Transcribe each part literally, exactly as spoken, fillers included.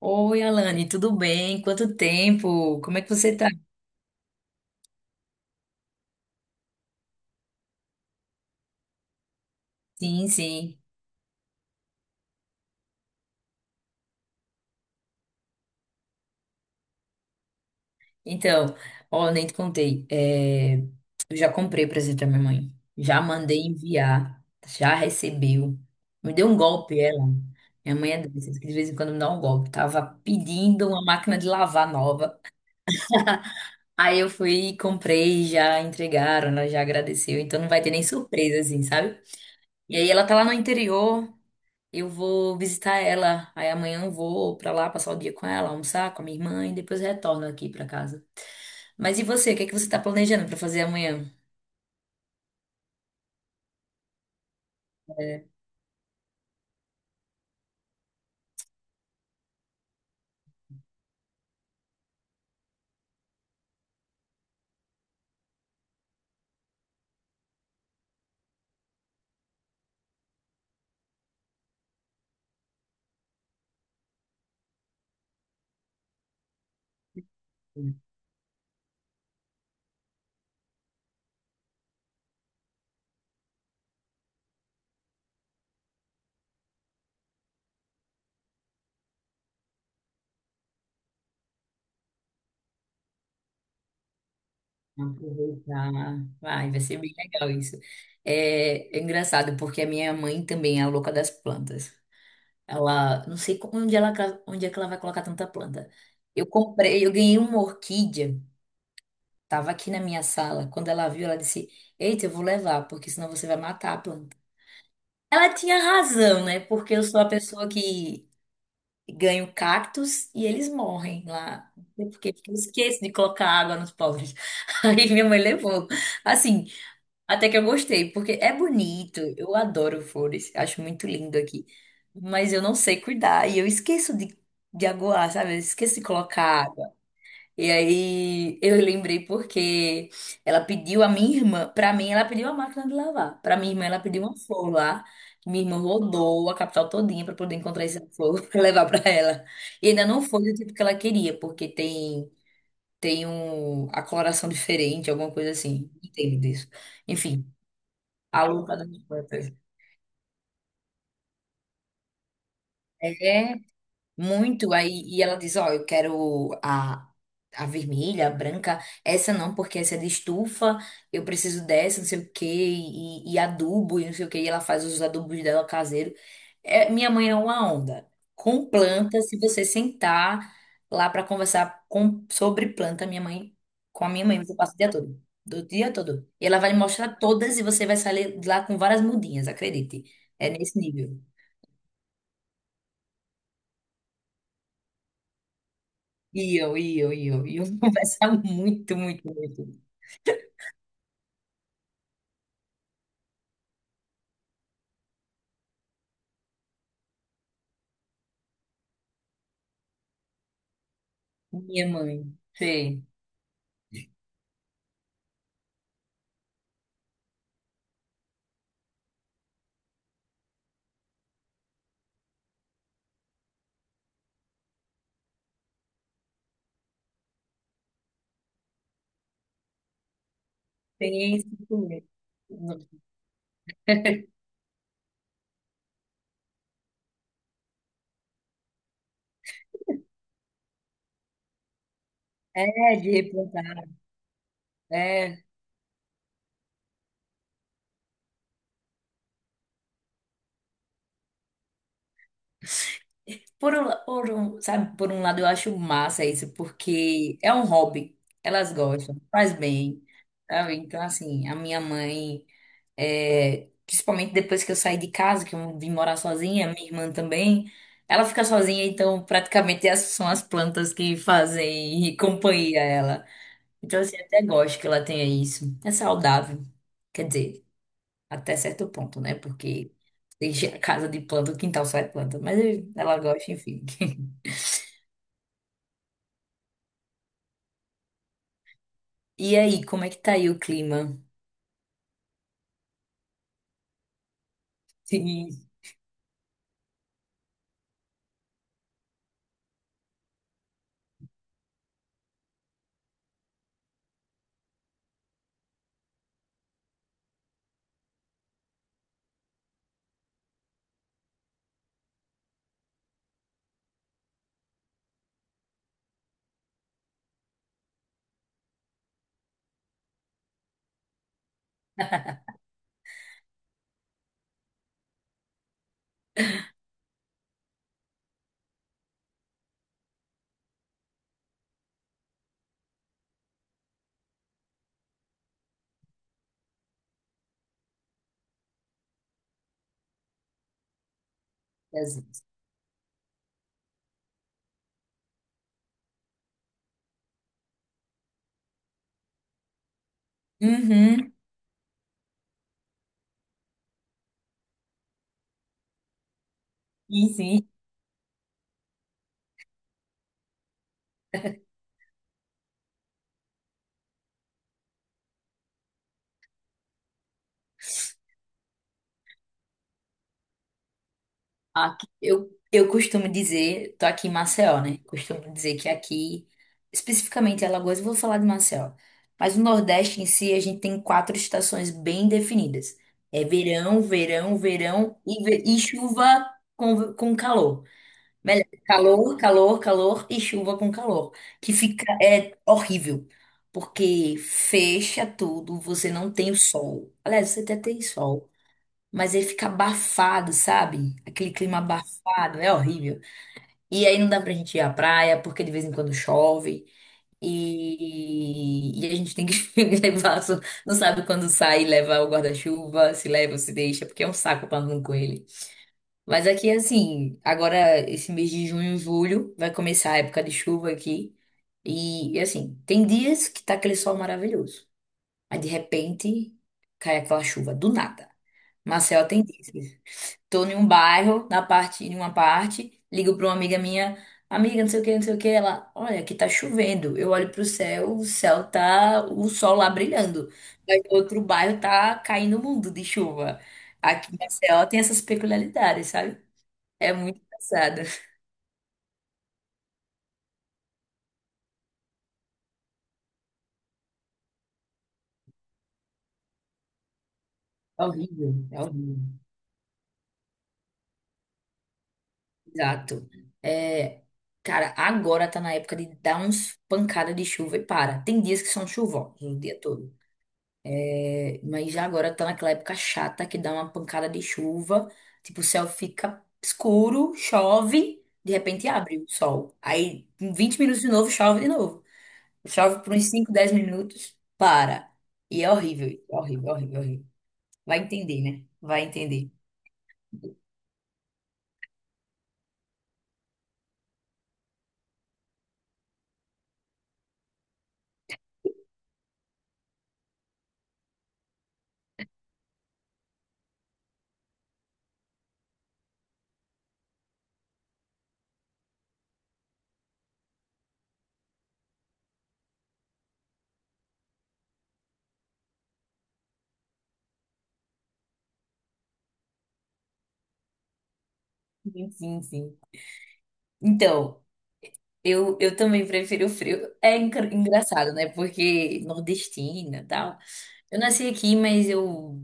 Oi, Alane, tudo bem? Quanto tempo? Como é que você tá? Sim, sim. Então, ó, nem te contei. É, eu já comprei presente pra minha mãe. Já mandei enviar. Já recebeu. Me deu um golpe, ela. Minha mãe é dessas que de vez em quando me dá um golpe. Tava pedindo uma máquina de lavar nova. Aí eu fui, e comprei, já entregaram, ela já agradeceu. Então não vai ter nem surpresa, assim, sabe? E aí ela tá lá no interior. Eu vou visitar ela. Aí amanhã eu vou pra lá passar o dia com ela, almoçar com a minha irmã e depois retorno aqui pra casa. Mas e você? O que é que você tá planejando pra fazer amanhã? É, aproveitar. Vai, vai ser bem legal isso. É, é engraçado porque a minha mãe também é a louca das plantas. Ela, não sei como- onde ela, ca- onde é que ela vai colocar tanta planta. Eu comprei, eu ganhei uma orquídea. Tava aqui na minha sala. Quando ela viu, ela disse: eita, eu vou levar, porque senão você vai matar a planta. Ela tinha razão, né? Porque eu sou a pessoa que ganho cactos e eles morrem lá. Não sei por quê, porque eu esqueço de colocar água nos pobres. Aí minha mãe levou. Assim, até que eu gostei, porque é bonito. Eu adoro flores, acho muito lindo aqui. Mas eu não sei cuidar e eu esqueço de, de aguar, sabe? Eu esqueço de colocar água. E aí eu lembrei porque ela pediu a minha irmã, pra mim ela pediu a máquina de lavar. Pra minha irmã ela pediu uma flor lá. Minha irmã rodou a capital todinha pra poder encontrar essa flor pra levar pra ela. E ainda não foi do tipo que ela queria, porque tem tem um a coloração diferente, alguma coisa assim. Não entendo disso. Enfim, a louca da minha irmã. Muito, aí, e ela diz, ó, eu quero a, a vermelha, a branca, essa não, porque essa é de estufa, eu preciso dessa, não sei o quê, e, e adubo, e não sei o quê, e ela faz os adubos dela caseiro. É, minha mãe é uma onda. Com planta, se você sentar lá para conversar com, sobre planta, minha mãe, com a minha mãe, você passa o dia todo, do dia todo. E ela vai lhe mostrar todas e você vai sair lá com várias mudinhas, acredite. É nesse nível. E eu, e eu, e eu, e eu conversava muito, muito, muito. Minha mãe, sei, tem isso comigo. É, de replantar. É, por, um- por um, sabe, por um lado eu acho massa isso, porque é um hobby, elas gostam, faz bem, sabe? Então, assim, a minha mãe, é, principalmente depois que eu saí de casa, que eu vim morar sozinha, minha irmã também, ela fica sozinha, então praticamente essas são as plantas que fazem companhia a ela. Então, assim, até gosto que ela tenha isso. É saudável. Quer dizer, até certo ponto, né? Porque deixa a casa de planta, o quintal só é planta. Mas ela gosta, enfim. E aí, como é que tá aí o clima? Sim. Jesus. Uhum. Sim, sim. Aqui, eu, eu costumo dizer, tô aqui em Maceió, né? Costumo dizer que aqui, especificamente em Alagoas, eu vou falar de Maceió. Mas o Nordeste em si, a gente tem quatro estações bem definidas. É verão, verão, verão e, ve- e chuva com, com calor. Melhor, calor, calor, calor e chuva com calor. Que fica, é horrível. Porque fecha tudo, você não tem o sol. Aliás, você até tem sol, mas aí fica abafado, sabe? Aquele clima abafado, é horrível. E aí não dá pra gente ir à praia, porque de vez em quando chove. E, e a gente tem que levar, só- não sabe quando sai, leva o guarda-chuva, se leva, se deixa, porque é um saco pra andar com ele. Mas aqui, assim, agora esse mês de junho e julho vai começar a época de chuva aqui. E, e, assim, tem dias que tá aquele sol maravilhoso. Aí de repente cai aquela chuva, do nada. Maceió tem dias. Tô em um bairro, na parte, em uma parte, ligo pra uma amiga minha, amiga, não sei o que, não sei o que, ela, olha, aqui tá chovendo. Eu olho pro céu, o céu tá, o sol lá brilhando. Mas no outro bairro tá caindo o mundo de chuva. Aqui em Maceió tem essas peculiaridades, sabe? É muito engraçado. É horrível, é horrível. Exato. É, cara, agora tá na época de dar uns pancada de chuva e para. Tem dias que são chuvosos o dia todo. É, mas já agora tá naquela época chata que dá uma pancada de chuva, tipo, o céu fica escuro, chove, de repente abre o sol. Aí, em vinte minutos de novo, chove de novo. Chove por uns cinco, dez minutos, para. E é horrível, horrível, horrível, horrível. Vai entender, né? Vai entender. Sim, sim, sim. Então, eu, eu também prefiro o frio. É engra- engraçado, né? Porque nordestina, tal. Eu nasci aqui, mas eu,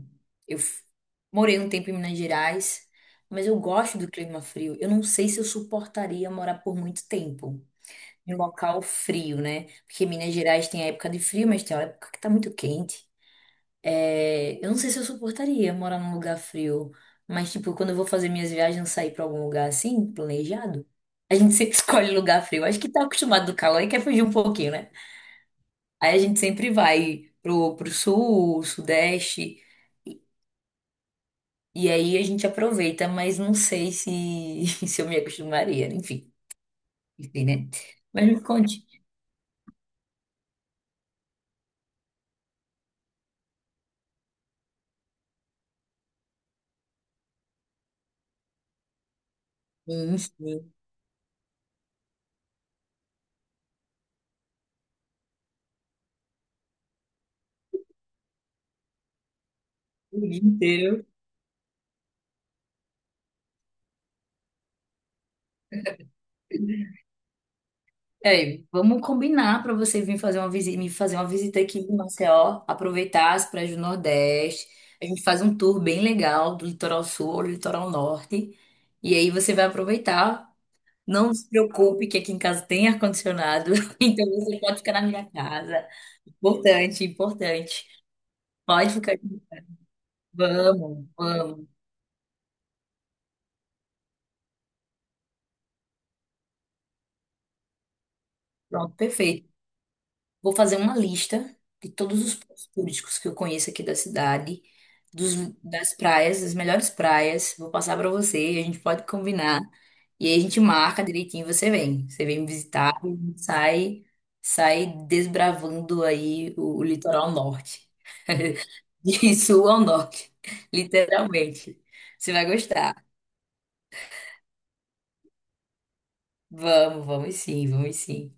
eu f- morei um tempo em Minas Gerais, mas eu gosto do clima frio. Eu não sei se eu suportaria morar por muito tempo em um local frio, né? Porque Minas Gerais tem a época de frio, mas tem a época que tá muito quente. É, eu não sei se eu suportaria morar num lugar frio, mas tipo, quando eu vou fazer minhas viagens, sair pra algum lugar assim, planejado, a gente sempre escolhe lugar frio. Acho que tá acostumado do calor e quer fugir um pouquinho, né? Aí a gente sempre vai pro, pro sul, sudeste. E aí a gente aproveita, mas não sei se, se eu me acostumaria. Enfim, enfim, né? Mas me conte. Enfim, o dia inteiro. É, vamos combinar para você vir fazer uma visita, me fazer uma visita aqui em Maceió, aproveitar as praias do Nordeste. A gente faz um tour bem legal do litoral sul ao litoral norte. E aí você vai aproveitar. Não se preocupe que aqui em casa tem ar-condicionado, então você pode ficar na minha casa. Importante, importante. Pode ficar. Vamos, vamos. Pronto, perfeito. Vou fazer uma lista de todos os pontos turísticos que eu conheço aqui da cidade, dos, das praias, das melhores praias. Vou passar para você, a gente pode combinar. E aí a gente marca direitinho, você vem. Você vem me visitar e a gente sai, sai desbravando aí o, o litoral norte. De sul ao norte, literalmente. Você vai gostar. Vamos, vamos sim, vamos sim.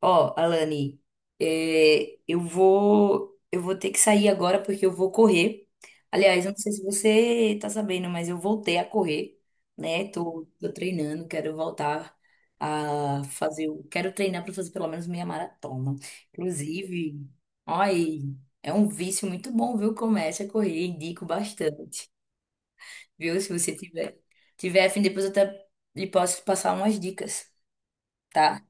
Ó, Alane, é, eu vou, eu vou ter que sair agora porque eu vou correr. Aliás, eu não sei se você tá sabendo, mas eu voltei a correr, né? Tô, tô treinando, quero voltar a fazer, o- quero treinar para fazer pelo menos meia maratona. Inclusive, olha aí, é um vício muito bom, viu? Comece a correr, indico bastante, viu? Se você tiver, tiver a fim, depois eu até lhe posso passar umas dicas, tá?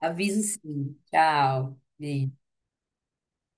Aviso sim. Tchau. Beijo.